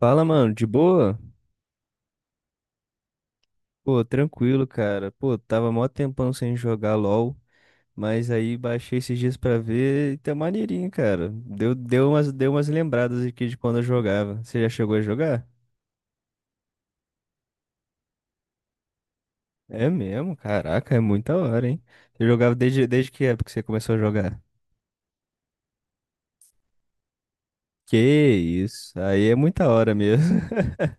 Fala, mano, de boa? Pô, tranquilo, cara. Pô, tava mó tempão sem jogar LOL, mas aí baixei esses dias pra ver e tá maneirinho, cara. Deu umas lembradas aqui de quando eu jogava. Você já chegou a jogar? É mesmo? Caraca, é muita hora, hein? Você jogava desde que época que você começou a jogar? Que isso, aí é muita hora mesmo.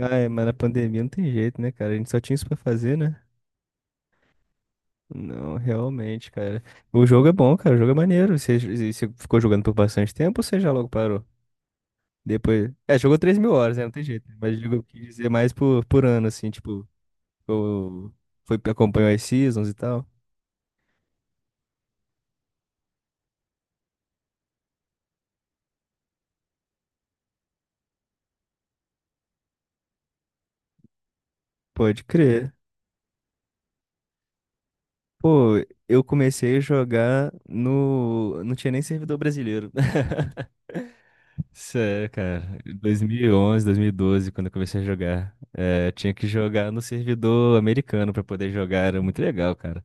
Ah, é, mas na pandemia não tem jeito, né, cara? A gente só tinha isso pra fazer, né? Não, realmente, cara. O jogo é bom, cara. O jogo é maneiro. E você ficou jogando por bastante tempo ou você já logo parou? Depois. É, jogou 3.000 horas, né? Não tem jeito. Né? Mas digo, eu quis dizer mais por ano, assim, tipo, eu foi, acompanhou as seasons e tal. Pode crer. Pô, eu comecei a jogar no. Não tinha nem servidor brasileiro. Sério, cara. 2011, 2012, quando eu comecei a jogar. É, eu tinha que jogar no servidor americano pra poder jogar. Era muito legal, cara.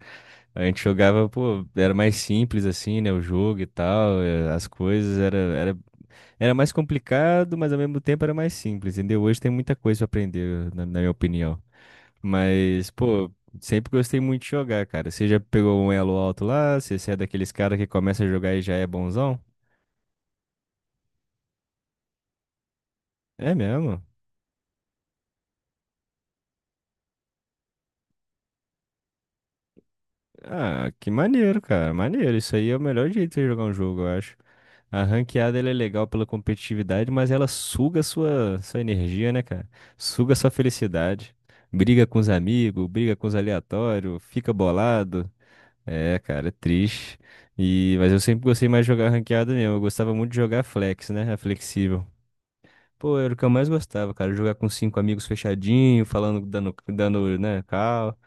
A gente jogava, pô, era mais simples assim, né? O jogo e tal, é, as coisas. Era mais complicado, mas ao mesmo tempo era mais simples, entendeu? Hoje tem muita coisa pra aprender, na minha opinião. Mas, pô, sempre gostei muito de jogar, cara. Você já pegou um elo alto lá? Você é daqueles caras que começa a jogar e já é bonzão? É mesmo? Ah, que maneiro, cara. Maneiro. Isso aí é o melhor jeito de jogar um jogo, eu acho. A ranqueada ela é legal pela competitividade, mas ela suga sua energia, né, cara? Suga sua felicidade. Briga com os amigos, briga com os aleatórios, fica bolado. É, cara, é triste. E, mas eu sempre gostei mais de jogar ranqueada mesmo. Eu gostava muito de jogar flex, né? A flexível. Pô, era o que eu mais gostava, cara. Jogar com cinco amigos fechadinho, falando, dando, né, cal.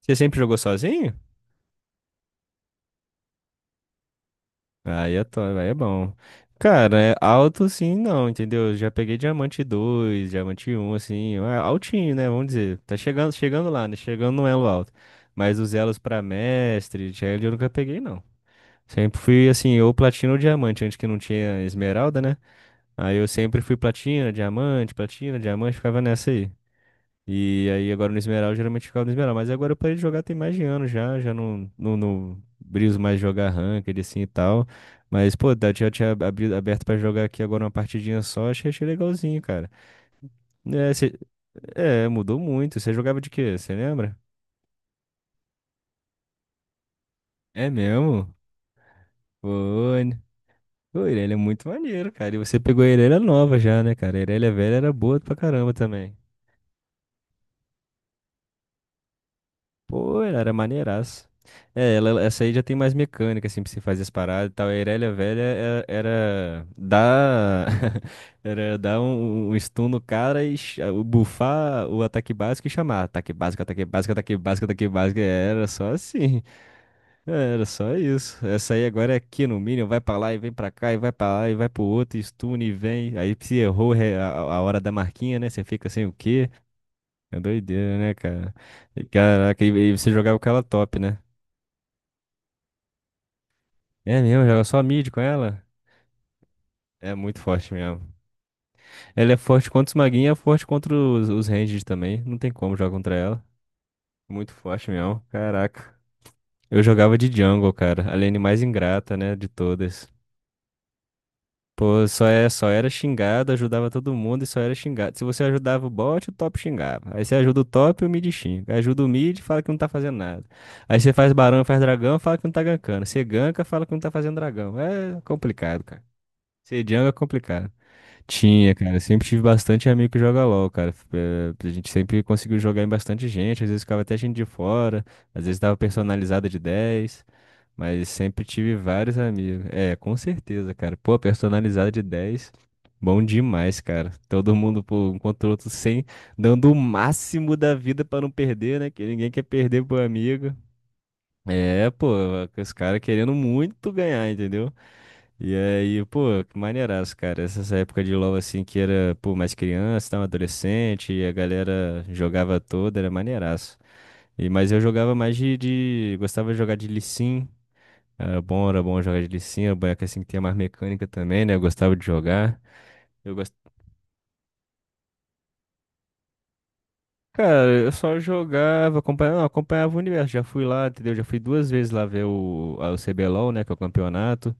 Você sempre jogou sozinho? Aí é top, aí é bom. Cara, é alto sim, não, entendeu? Já peguei diamante 2, diamante um, assim, é altinho, né? Vamos dizer. Tá chegando lá, né? Chegando no elo alto. Mas os elos pra mestre, challenge, eu nunca peguei, não. Sempre fui, assim, ou platina ou diamante, antes que não tinha esmeralda, né? Aí eu sempre fui platina, diamante, ficava nessa aí. E aí agora no Esmeral, eu geralmente ficava no Esmeral. Mas agora eu parei de jogar tem mais de ano já não, não briso mais jogar ranked assim e tal. Mas, pô, já tinha aberto pra jogar aqui agora uma partidinha só, achei legalzinho, cara. É, mudou muito. Você jogava de quê? Você lembra? É mesmo? Foi. Pô, Irelia é muito maneiro, cara. E você pegou a Irelia nova já, né, cara? A Irelia velha era boa pra caramba também. Pô, era maneiraço. É, essa aí já tem mais mecânica, assim, pra você fazer as paradas e tal. A Irelia Velha era, dar. Era dar um stun no cara e bufar o ataque básico e chamar. Ataque básico, ataque básico, ataque básico, ataque básico. É, era só assim. É, era só isso. Essa aí agora é aqui no Minion, vai pra lá e vem pra cá, e vai pra lá e vai pro outro, e stun e vem. Aí se errou a hora da marquinha, né? Você fica assim, o quê? É doideira, né, cara? E, caraca, e você jogava com ela top, né? É mesmo, joga só mid com ela? É muito forte mesmo. Ela é forte contra os maguinhos, é forte contra os ranged também. Não tem como jogar contra ela. Muito forte mesmo. Caraca. Eu jogava de jungle, cara. A lane mais ingrata, né, de todas. Pô, só era xingado, ajudava todo mundo e só era xingado. Se você ajudava o bot, o top xingava. Aí você ajuda o top, o mid xinga. Aí ajuda o mid, fala que não tá fazendo nada. Aí você faz barão, faz dragão, fala que não tá gankando. Você ganka, fala que não tá fazendo dragão. É complicado, cara. Ser jungle é complicado. Tinha, cara. Eu sempre tive bastante amigo que joga LOL, cara. A gente sempre conseguiu jogar em bastante gente. Às vezes ficava até gente de fora. Às vezes dava personalizada de 10. Mas sempre tive vários amigos. É, com certeza, cara. Pô, personalizada de 10. Bom demais, cara. Todo mundo, pô, um contra o outro sem, dando o máximo da vida pra não perder, né? Que ninguém quer perder pro amigo. É, pô, os caras querendo muito ganhar, entendeu? E aí, pô, que maneiraço, cara. Essas épocas de LoL, assim, que era, pô, mais criança, tava adolescente, e a galera jogava toda, era maneiraço. E, mas eu jogava mais gostava de jogar de Lee Sin. Era bom jogar de Lee Sin. Era boneco, assim, que tinha mais mecânica também, né? Eu gostava de jogar. Eu gost... Cara, eu só jogava, acompanhava, não, acompanhava o universo. Já fui lá, entendeu? Já fui duas vezes lá ver o CBLOL, né? Que é o campeonato.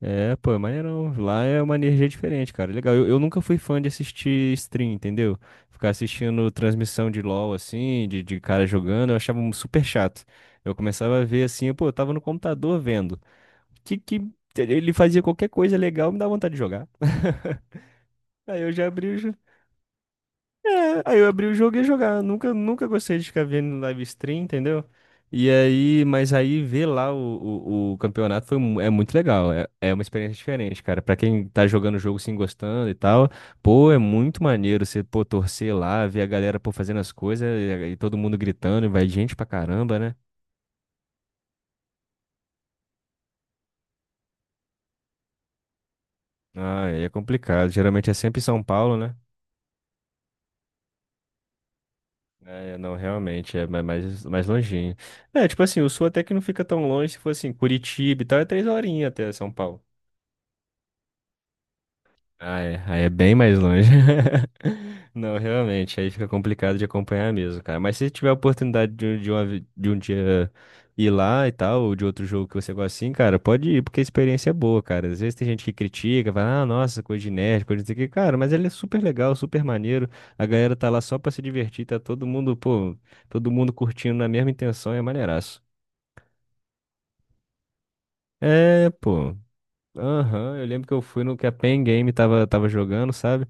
É, pô, é maneirão. Lá é uma energia diferente, cara. Legal. Eu nunca fui fã de assistir stream, entendeu? Ficar assistindo transmissão de LoL, assim, de cara jogando, eu achava um super chato. Eu começava a ver assim, pô, eu tava no computador vendo. Que ele fazia qualquer coisa legal, me dá vontade de jogar. Aí eu já abri, aí eu abri o jogo e ia jogar. Nunca gostei de ficar vendo live stream, entendeu? E aí, mas aí ver lá o campeonato é muito legal. É uma experiência diferente, cara. Pra quem tá jogando o jogo, sim, gostando e tal, pô, é muito maneiro você, pô, torcer lá, ver a galera, pô, fazendo as coisas e todo mundo gritando, e vai gente pra caramba, né? Ah, aí é complicado. Geralmente é sempre em São Paulo, né? É, não, realmente, é mais longinho. É, tipo assim, o Sul até que não fica tão longe, se for assim, Curitiba e tal, é 3 horinhas até São Paulo. Ah, é. Aí é bem mais longe. Não, realmente, aí fica complicado de acompanhar mesmo, cara. Mas se tiver a oportunidade de uma vi- de um dia ir lá e tal, ou de outro jogo que você gosta assim, cara, pode ir, porque a experiência é boa, cara. Às vezes tem gente que critica, fala, ah, nossa, coisa de nerd, coisa de que, cara, mas ele é super legal, super maneiro. A galera tá lá só pra se divertir, tá todo mundo, pô, todo mundo curtindo na mesma intenção, é maneiraço. É, pô. Aham, eu lembro que eu fui no que a Pen Game tava jogando, sabe?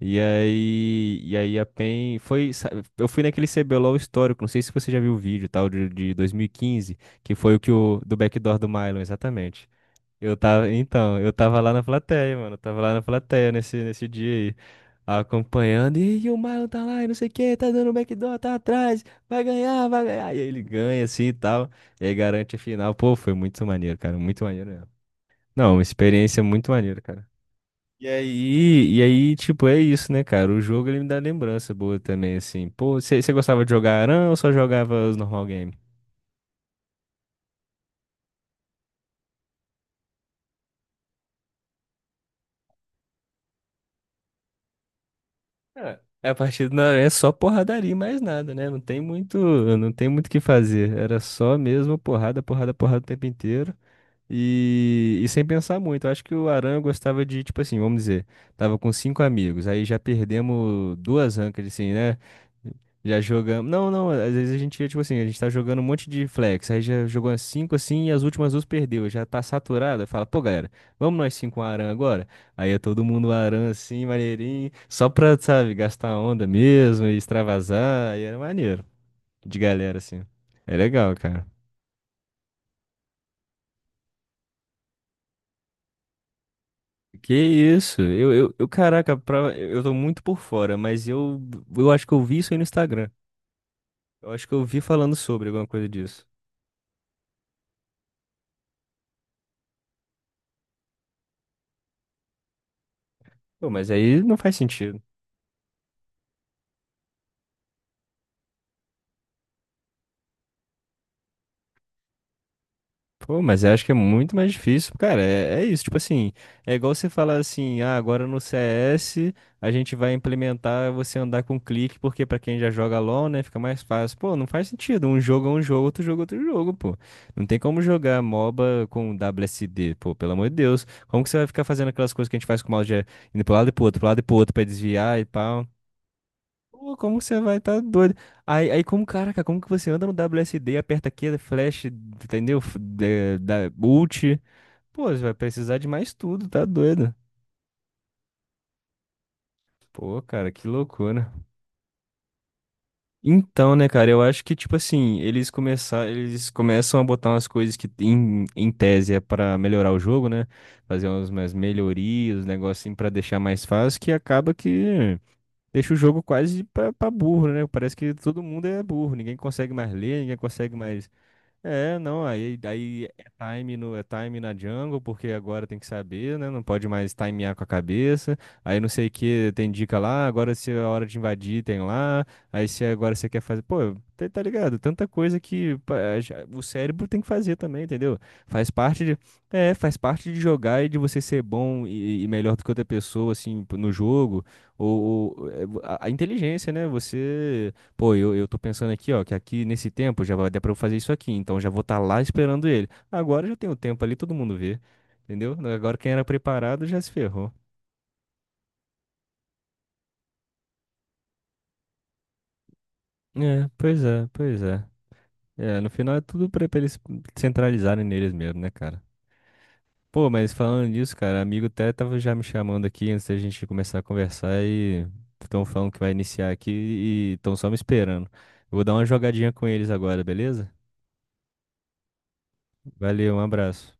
E aí a PEN foi, eu fui naquele CBLOL histórico, não sei se você já viu o vídeo, tal, de 2015 que foi o que o do backdoor do Mylon, exatamente. Eu tava, então, eu tava lá na plateia, mano, eu tava lá na plateia nesse dia aí, acompanhando, o Mylon tá lá, e não sei o que, tá dando backdoor, tá atrás, vai ganhar, vai ganhar. E aí ele ganha assim e tal, e aí garante a final. Pô, foi muito maneiro, cara, muito maneiro mesmo. Não, uma experiência muito maneira, cara. E aí, tipo, é isso, né, cara? O jogo ele me dá lembrança boa também, assim. Pô, você gostava de jogar Aran ou só jogava os normal game? Ah, a partir do Aran é só porradaria e mais nada, né? Não tem muito o que fazer. Era só mesmo porrada, porrada, porrada o tempo inteiro. E sem pensar muito, eu acho que o Aran gostava de, tipo assim, vamos dizer, tava com cinco amigos, aí já perdemos duas ancas, assim, né? Já jogamos. Não, não, às vezes a gente, ia tipo assim, a gente tá jogando um monte de flex, aí já jogou as cinco assim e as últimas duas perdeu, já tá saturada. Fala, pô, galera, vamos nós cinco um Aran agora? Aí é todo mundo Aran assim, maneirinho, só pra, sabe, gastar onda mesmo e extravasar, aí era maneiro, de galera assim. É legal, cara. Que isso? Eu caraca, eu tô muito por fora, mas eu acho que eu vi isso aí no Instagram. Eu acho que eu vi falando sobre alguma coisa disso. Pô, mas aí não faz sentido. Pô, mas eu acho que é muito mais difícil, cara. É isso, tipo assim, é igual você falar assim, ah, agora no CS a gente vai implementar você andar com clique, porque pra quem já joga LoL, né, fica mais fácil. Pô, não faz sentido. Um jogo é um jogo, outro jogo é outro jogo, pô. Não tem como jogar MOBA com WSD, pô, pelo amor de Deus. Como que você vai ficar fazendo aquelas coisas que a gente faz com o mouse de indo pro lado e pro outro, pro lado e pro outro pra desviar e pau? Pô, como você vai tá doido? Aí como, caraca, como que você anda no WSD, aperta aqui, flash, entendeu? Da ult. Pô, você vai precisar de mais tudo, tá doido? Pô, cara, que loucura. Então, né, cara, eu acho que, tipo assim, eles começam a botar umas coisas que em tese é pra melhorar o jogo, né? Fazer umas melhorias, negócio assim pra deixar mais fácil, que acaba que deixa o jogo quase pra burro, né? Parece que todo mundo é burro, ninguém consegue mais ler, ninguém consegue mais. É, não, aí é time no, é time na jungle, porque agora tem que saber, né? Não pode mais timear com a cabeça. Aí não sei o que, tem dica lá, agora se é a hora de invadir, tem lá. Aí se agora você quer fazer. Pô, tá, tá ligado? Tanta coisa que pá, o cérebro tem que fazer também, entendeu? Faz parte de. É, faz parte de jogar e de você ser bom e melhor do que outra pessoa, assim, no jogo. Ou, a inteligência, né? Você. Pô, eu tô pensando aqui, ó, que aqui nesse tempo já vai dar pra eu fazer isso aqui, então já vou estar lá esperando ele. Agora já tem o tempo ali, todo mundo vê, entendeu? Agora quem era preparado já se ferrou. É, pois é, pois é. É, no final é tudo pra eles centralizarem neles mesmo, né, cara? Pô, mas falando nisso, cara, amigo até tava já me chamando aqui antes da gente começar a conversar e estão falando que vai iniciar aqui e estão só me esperando. Eu vou dar uma jogadinha com eles agora, beleza? Valeu, um abraço.